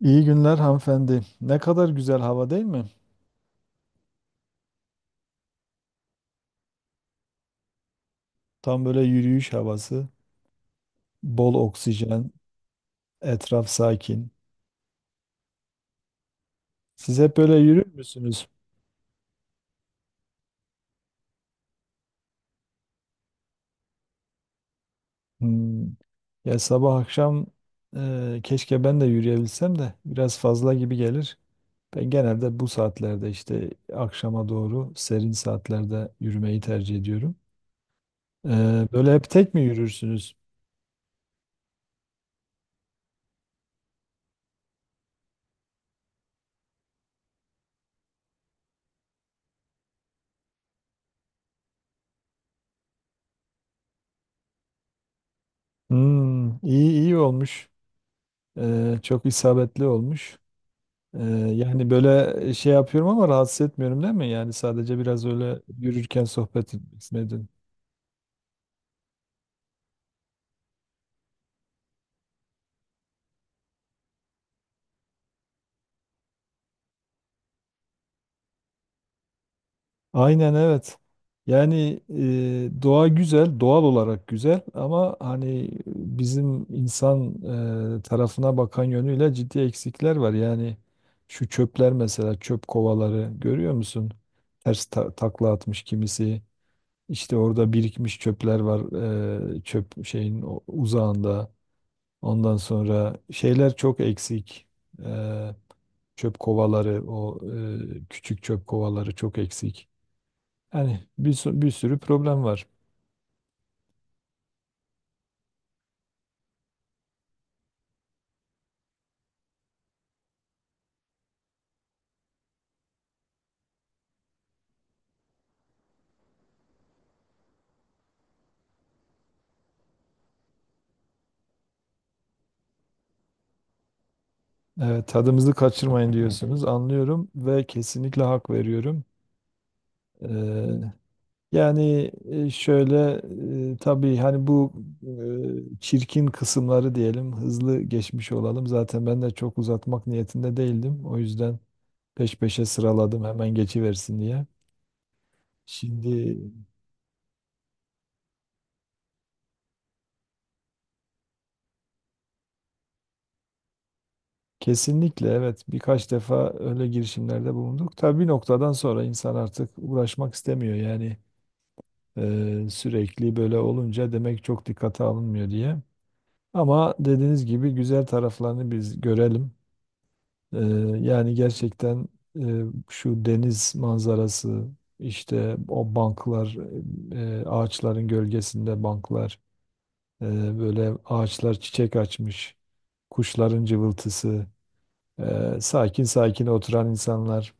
İyi günler hanımefendi. Ne kadar güzel hava değil mi? Tam böyle yürüyüş havası, bol oksijen, etraf sakin. Siz hep böyle yürür müsünüz? Hmm. Ya sabah akşam keşke ben de yürüyebilsem de biraz fazla gibi gelir. Ben genelde bu saatlerde işte akşama doğru serin saatlerde yürümeyi tercih ediyorum. E, Böyle hep tek mi yürürsünüz? Hmm, iyi olmuş. Çok isabetli olmuş. Ee, Yani böyle şey yapıyorum ama rahatsız etmiyorum değil mi? Yani sadece biraz öyle yürürken sohbet etmedin. Aynen evet. Yani doğa güzel, doğal olarak güzel ama hani bizim insan tarafına bakan yönüyle ciddi eksikler var. Yani şu çöpler mesela çöp kovaları görüyor musun? Ters takla atmış kimisi. İşte orada birikmiş çöpler var çöp şeyin uzağında. Ondan sonra şeyler çok eksik. Eee, Çöp kovaları, o küçük çöp kovaları çok eksik. Yani bir sürü problem var. Evet, tadımızı kaçırmayın diyorsunuz. Anlıyorum ve kesinlikle hak veriyorum. Eee, Şöyle tabii hani bu çirkin kısımları diyelim hızlı geçmiş olalım. Zaten ben de çok uzatmak niyetinde değildim. O yüzden peş peşe sıraladım hemen geçiversin diye. Şimdi kesinlikle evet. Birkaç defa öyle girişimlerde bulunduk. Tabii bir noktadan sonra insan artık uğraşmak istemiyor. Yani sürekli böyle olunca demek çok dikkate alınmıyor diye. Ama dediğiniz gibi güzel taraflarını biz görelim. E, Yani gerçekten e, şu deniz manzarası, işte o banklar, ağaçların gölgesinde banklar, böyle ağaçlar çiçek açmış, kuşların cıvıltısı. Sakin sakin oturan insanlar.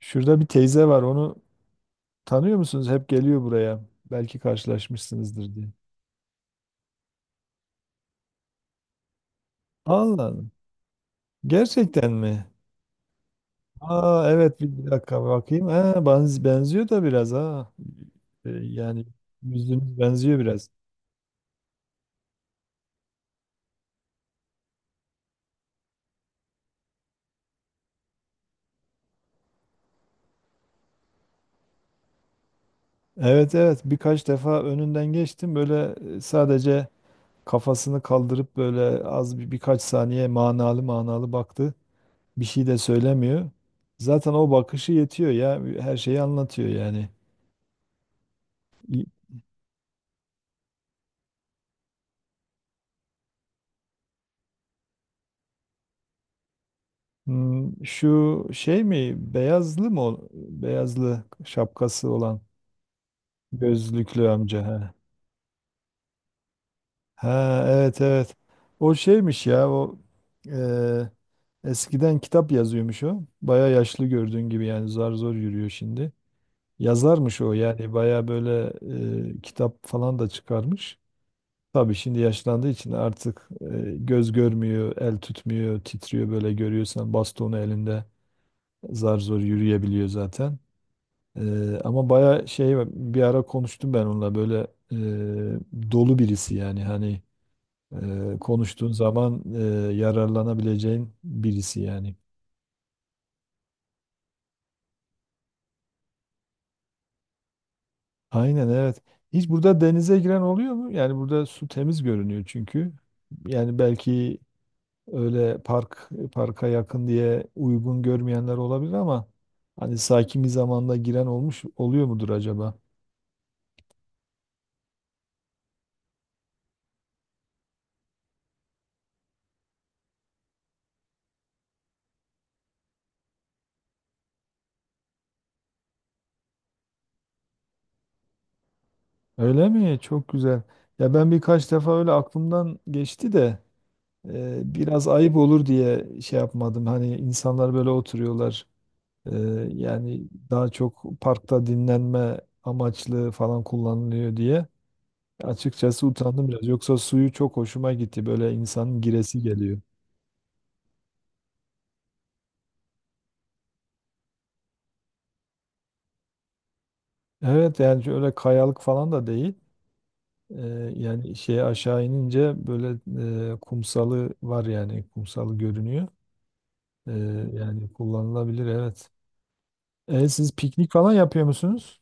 Şurada bir teyze var. Onu tanıyor musunuz? Hep geliyor buraya. Belki karşılaşmışsınızdır diye. Allah Allah. Gerçekten mi? Aa evet bir dakika bakayım. Ha, benziyor da biraz ha. Yani yüzünüz benziyor biraz. Evet evet birkaç defa önünden geçtim. Böyle sadece kafasını kaldırıp böyle az bir birkaç saniye manalı manalı baktı. Bir şey de söylemiyor. Zaten o bakışı yetiyor ya. Her şeyi anlatıyor yani. Hmm, şu şey mi? Beyazlı mı? Beyazlı şapkası olan gözlüklü amca. Ha, ha evet evet. O şeymiş ya o eee, eskiden kitap yazıyormuş o. Baya yaşlı gördüğün gibi yani zar zor yürüyor şimdi. Yazarmış o yani baya böyle kitap falan da çıkarmış. Tabii şimdi yaşlandığı için artık göz görmüyor, el tutmuyor, titriyor böyle görüyorsan bastonu elinde zar zor yürüyebiliyor zaten. Ama baya şey bir ara konuştum ben onunla böyle dolu birisi yani hani konuştuğun zaman yararlanabileceğin birisi yani. Aynen evet. Hiç burada denize giren oluyor mu? Yani burada su temiz görünüyor çünkü. Yani belki öyle parka yakın diye uygun görmeyenler olabilir ama hani sakin bir zamanda giren olmuş oluyor mudur acaba? Öyle mi? Çok güzel. Ya ben birkaç defa öyle aklımdan geçti de biraz ayıp olur diye şey yapmadım. Hani insanlar böyle oturuyorlar. Eee, Yani daha çok parkta dinlenme amaçlı falan kullanılıyor diye. Açıkçası utandım biraz. Yoksa suyu çok hoşuma gitti. Böyle insanın giresi geliyor. Evet yani öyle kayalık falan da değil. Yani şeye aşağı inince böyle kumsalı var yani kumsalı görünüyor. Yani kullanılabilir evet. E, siz piknik falan yapıyor musunuz?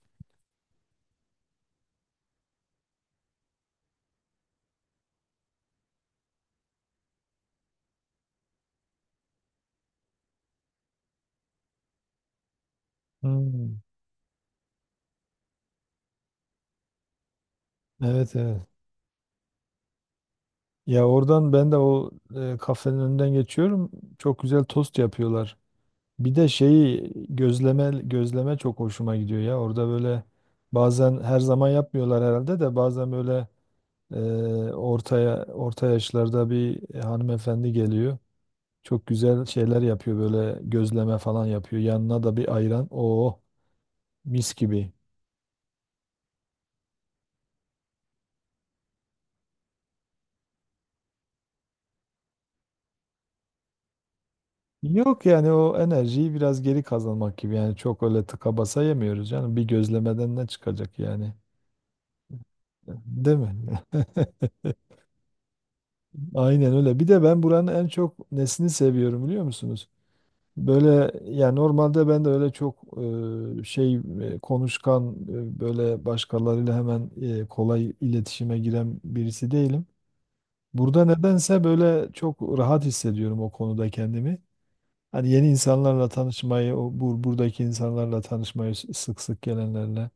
Hmm, evet evet. Ya oradan ben de o kafenin önünden geçiyorum. Çok güzel tost yapıyorlar. Bir de şeyi gözleme çok hoşuma gidiyor ya. Orada böyle bazen her zaman yapmıyorlar herhalde de bazen böyle orta yaşlarda bir hanımefendi geliyor. Çok güzel şeyler yapıyor böyle gözleme falan yapıyor. Yanına da bir ayran. Oo mis gibi. Yok yani o enerjiyi biraz geri kazanmak gibi. Yani çok öyle tıka basa yemiyoruz canım. Bir gözlemeden ne çıkacak yani? Değil mi? Aynen öyle. Bir de ben buranın en çok nesini seviyorum biliyor musunuz? Böyle ya normalde ben de öyle çok e, şey konuşkan böyle başkalarıyla hemen kolay iletişime giren birisi değilim. Burada nedense böyle çok rahat hissediyorum o konuda kendimi. Hani yeni insanlarla tanışmayı, o buradaki insanlarla tanışmayı sık sık gelenlerle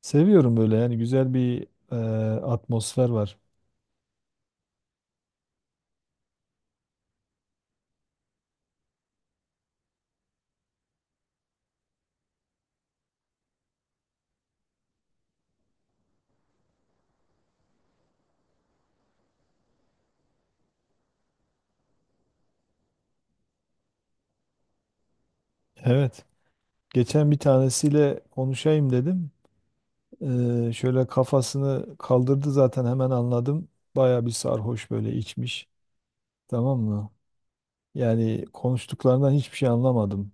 seviyorum böyle yani güzel bir e, atmosfer var. Evet. Geçen bir tanesiyle konuşayım dedim. Şöyle kafasını kaldırdı zaten hemen anladım. Baya bir sarhoş böyle içmiş. Tamam mı? Yani konuştuklarından hiçbir şey anlamadım.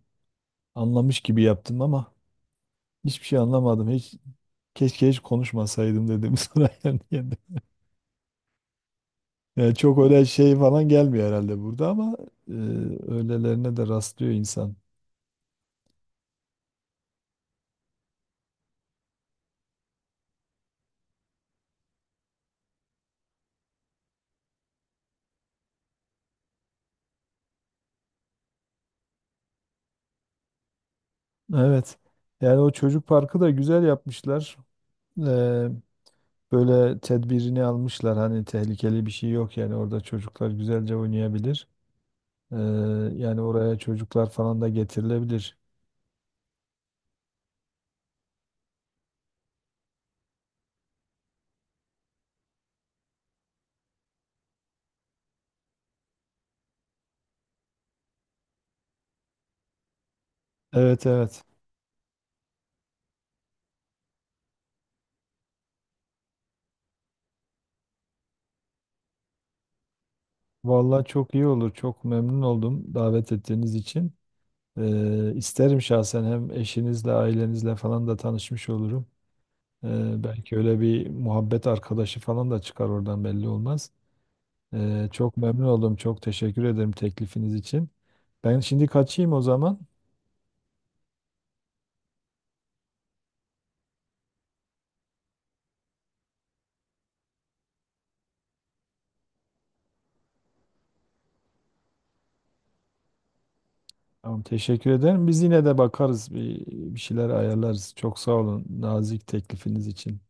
Anlamış gibi yaptım ama hiçbir şey anlamadım. Hiç keşke hiç konuşmasaydım dedim sonra yani. Yani çok öyle şey falan gelmiyor herhalde burada ama e, öylelerine de rastlıyor insan. Evet. Yani o çocuk parkı da güzel yapmışlar. Ee, Böyle tedbirini almışlar. Hani tehlikeli bir şey yok yani orada çocuklar güzelce oynayabilir. Ee, Yani oraya çocuklar falan da getirilebilir. Evet evet. Vallahi çok iyi olur. Çok memnun oldum davet ettiğiniz için. İsterim şahsen hem eşinizle, ailenizle falan da tanışmış olurum. Belki öyle bir muhabbet arkadaşı falan da çıkar oradan belli olmaz. Çok memnun oldum. Çok teşekkür ederim teklifiniz için. Ben şimdi kaçayım o zaman. Tamam, teşekkür ederim. Biz yine de bakarız. Bir şeyler ayarlarız. Çok sağ olun nazik teklifiniz için.